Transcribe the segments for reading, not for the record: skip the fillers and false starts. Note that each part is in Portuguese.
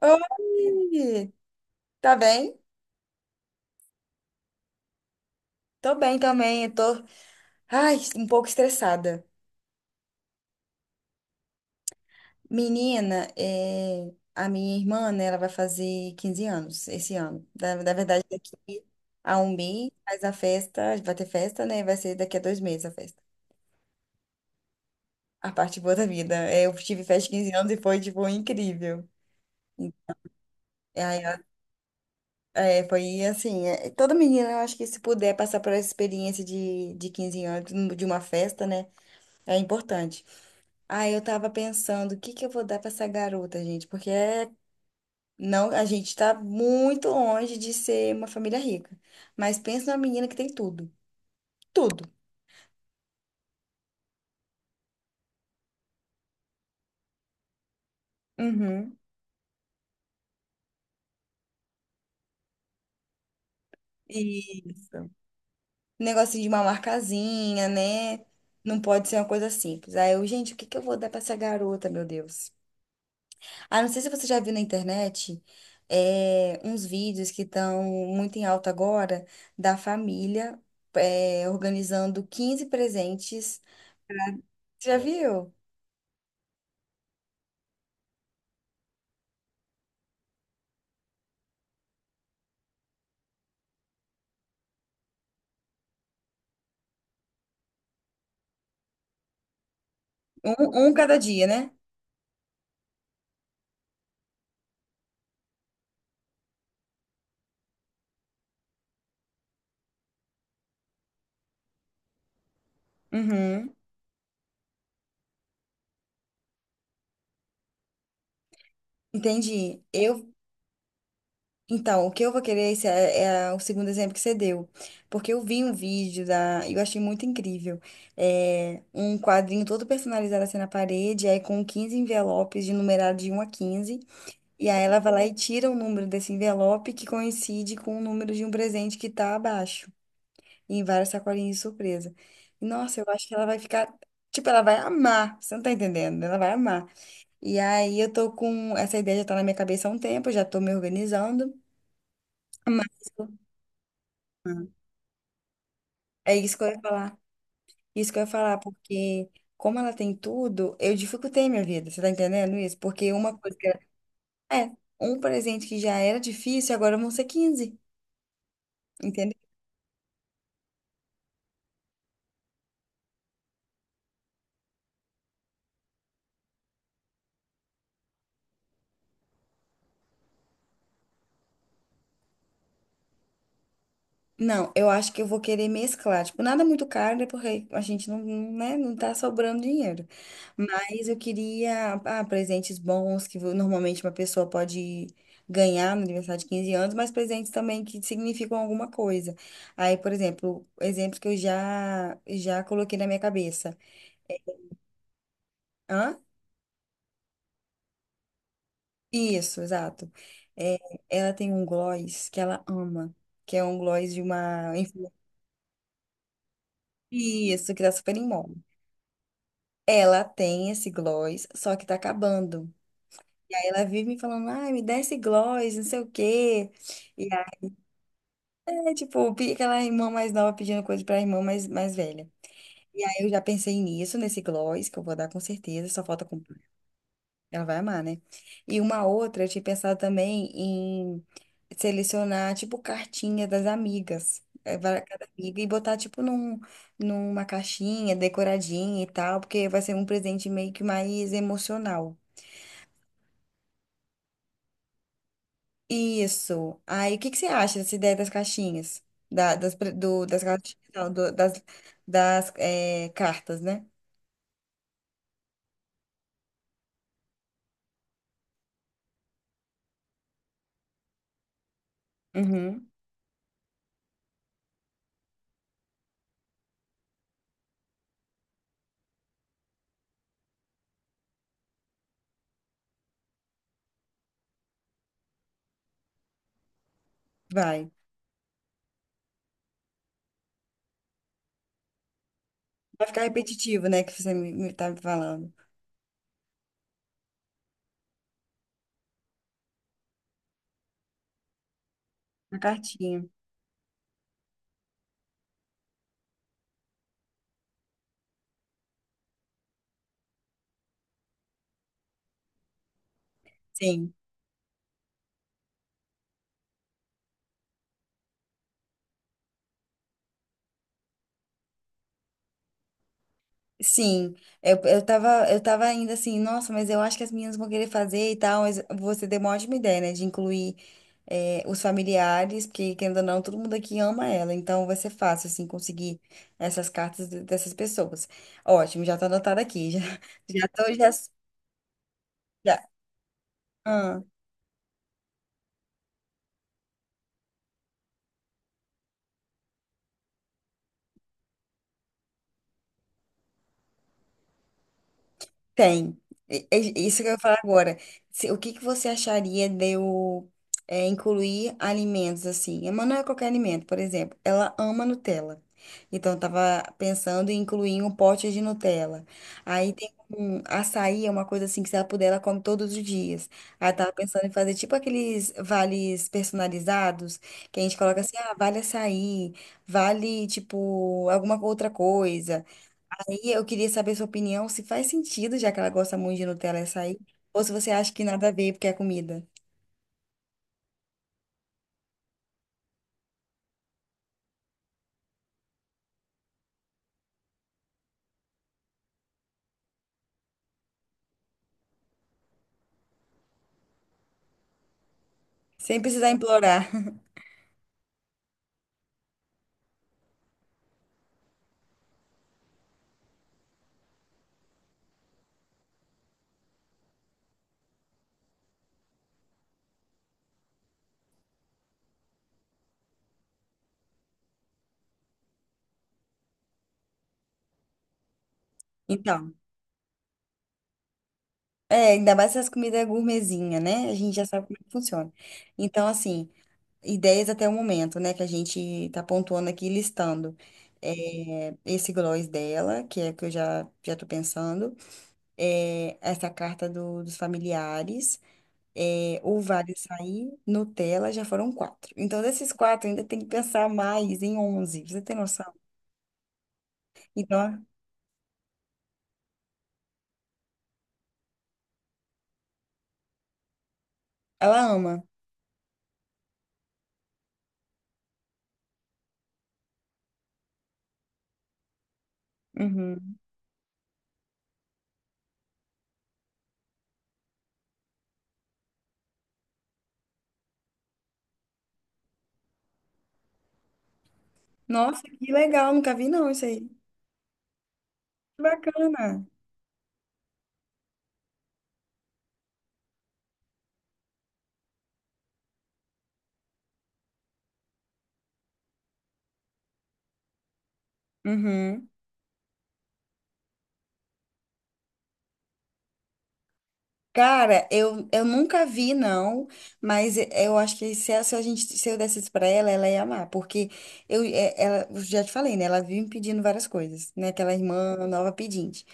Oi! Tá bem? Tô bem também, eu tô, ai, um pouco estressada. Menina, é, a minha irmã, né, ela vai fazer 15 anos esse ano. Na verdade, daqui a um mês faz a festa, vai ter festa, né? Vai ser daqui a dois meses a festa. A parte boa da vida. É, eu tive festa de 15 anos e foi, tipo, incrível. E aí, é, foi assim, é, toda menina, eu acho que se puder passar por essa experiência de 15 anos, de uma festa, né, é importante. Ah, eu tava pensando, o que que eu vou dar pra essa garota, gente? Porque não, a gente tá muito longe de ser uma família rica. Mas pensa numa menina que tem tudo. Tudo. Uhum. Isso. Negocinho de uma marcazinha, né? Não pode ser uma coisa simples. Aí eu, gente, o que que eu vou dar pra essa garota, meu Deus? Ah, não sei se você já viu na internet, é, uns vídeos que estão muito em alta agora da família, é, organizando 15 presentes. Você já viu? Um cada dia, né? Uhum, entendi. Eu, então, o que eu vou querer esse é, é o segundo exemplo que você deu. Porque eu vi um vídeo da. Eu achei muito incrível. É, um quadrinho todo personalizado assim na parede, aí com 15 envelopes de numerado de um a quinze. E aí ela vai lá e tira o número desse envelope que coincide com o número de um presente que tá abaixo. Em várias sacolinhas de surpresa. Nossa, eu acho que ela vai ficar. Tipo, ela vai amar. Você não tá entendendo? Ela vai amar. E aí eu tô com. Essa ideia já tá na minha cabeça há um tempo, já tô me organizando. Mas é isso que eu ia falar. Isso que eu ia falar, porque como ela tem tudo, eu dificultei minha vida. Você tá entendendo isso? Porque uma coisa que era. É, um presente que já era difícil, agora vão ser 15. Não, eu acho que eu vou querer mesclar. Tipo, nada muito caro, né? Porque a gente não, né, não tá sobrando dinheiro. Mas eu queria, ah, presentes bons, que normalmente uma pessoa pode ganhar no aniversário de 15 anos, mas presentes também que significam alguma coisa. Aí, por exemplo, exemplos que eu já coloquei na minha cabeça. Hã? Isso, exato. É, ela tem um gloss que ela ama, que é um gloss de uma... Isso, que tá super em moda. Ela tem esse gloss, só que tá acabando. E aí ela vive me falando, ai, me dá esse gloss, não sei o quê. E aí, é, tipo, aquela irmã mais nova pedindo coisa pra irmã mais velha. E aí eu já pensei nisso, nesse gloss, que eu vou dar com certeza, só falta comprar. Ela vai amar, né? E uma outra, eu tinha pensado também em selecionar, tipo, cartinha das amigas. É, vai cada amiga e botar, tipo, num, numa caixinha decoradinha e tal, porque vai ser um presente meio que mais emocional. Isso. Aí, o que que você acha dessa ideia das caixinhas? Das caixinhas, não, das é, cartas, né? Uhum, vai. Vai ficar repetitivo, né, que você me tá me falando. Uma cartinha. Sim. Sim. Eu, eu tava ainda assim, nossa, mas eu acho que as meninas vão querer fazer e tal, mas você deu uma ótima ideia, né, de incluir é, os familiares, porque querendo ou não, todo mundo aqui ama ela, então vai ser fácil, assim, conseguir essas cartas dessas pessoas. Ótimo, já tá anotado aqui, já, já tô, já, já, tem. Isso que eu ia falar agora. O que que você acharia de eu é, incluir alimentos assim? A Manu é qualquer alimento, por exemplo. Ela ama Nutella. Então, eu tava pensando em incluir um pote de Nutella. Aí tem um açaí, é uma coisa assim que se ela puder, ela come todos os dias. Aí eu tava pensando em fazer tipo aqueles vales personalizados, que a gente coloca assim, ah, vale açaí, vale tipo alguma outra coisa. E eu queria saber sua opinião, se faz sentido, já que ela gosta muito de Nutella e açaí, ou se você acha que nada a ver porque é comida. Sem precisar implorar. Então, é, ainda mais essas comidas gourmetzinha, né? A gente já sabe como é que funciona. Então, assim, ideias até o momento, né? Que a gente tá pontuando aqui, listando. É, esse gloss dela, que é o que eu já tô pensando. É, essa carta dos familiares. É, o Vale Sair, Nutella, já foram quatro. Então, desses quatro, ainda tem que pensar mais em onze. Você tem noção? Então, ela ama. Uhum. Nossa, que legal, nunca vi não isso aí. Que bacana. Uhum. Cara, eu nunca vi, não, mas eu acho que se, se a gente, se eu desse isso pra ela, ela ia amar, porque eu, ela, eu já te falei, né? Ela vive me pedindo várias coisas, né? Aquela irmã nova pedinte.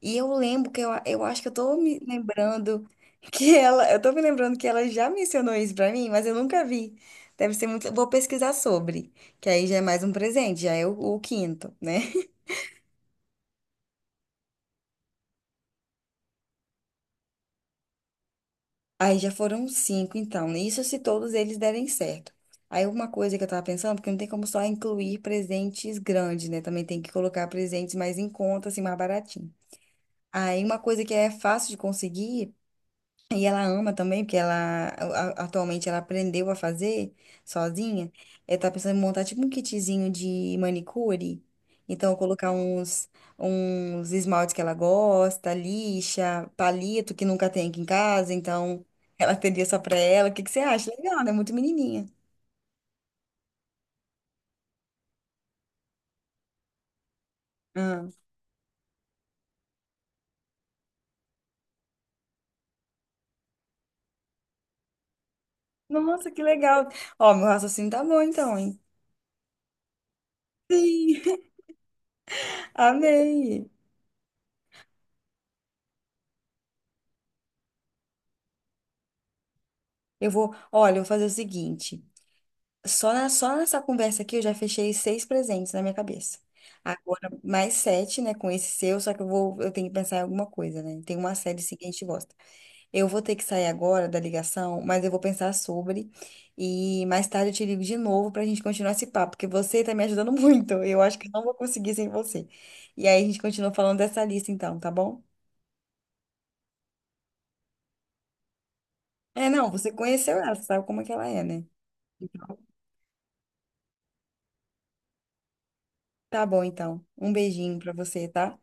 E eu lembro que eu acho que eu tô me lembrando que ela, eu tô me lembrando que ela já mencionou isso pra mim, mas eu nunca vi. Deve ser muito, eu vou pesquisar sobre, que aí já é mais um presente, já é o quinto, né? Aí já foram cinco, então, isso se todos eles derem certo. Aí uma coisa que eu tava pensando, porque não tem como só incluir presentes grandes, né? Também tem que colocar presentes mais em conta, assim, mais baratinho. Aí uma coisa que é fácil de conseguir e ela ama também, porque ela atualmente ela aprendeu a fazer sozinha. Ela tá pensando em montar tipo um kitzinho de manicure. Então, colocar uns, uns esmaltes que ela gosta, lixa, palito que nunca tem aqui em casa. Então, ela teria só pra ela. O que que você acha? Legal, né? Muito menininha. Ah. Nossa, que legal. Ó, meu raciocínio tá bom então, hein? Sim, amei. Eu vou, olha, eu vou fazer o seguinte. Só, só nessa conversa aqui eu já fechei seis presentes na minha cabeça. Agora, mais sete, né, com esse seu, só que eu vou, eu tenho que pensar em alguma coisa, né? Tem uma série sim que a gente gosta. Eu vou ter que sair agora da ligação, mas eu vou pensar sobre. E mais tarde eu te ligo de novo pra gente continuar esse papo, porque você tá me ajudando muito. Eu acho que eu não vou conseguir sem você. E aí a gente continua falando dessa lista então, tá bom? É, não, você conheceu ela, sabe como é que ela é, né? Então, tá bom então. Um beijinho pra você, tá?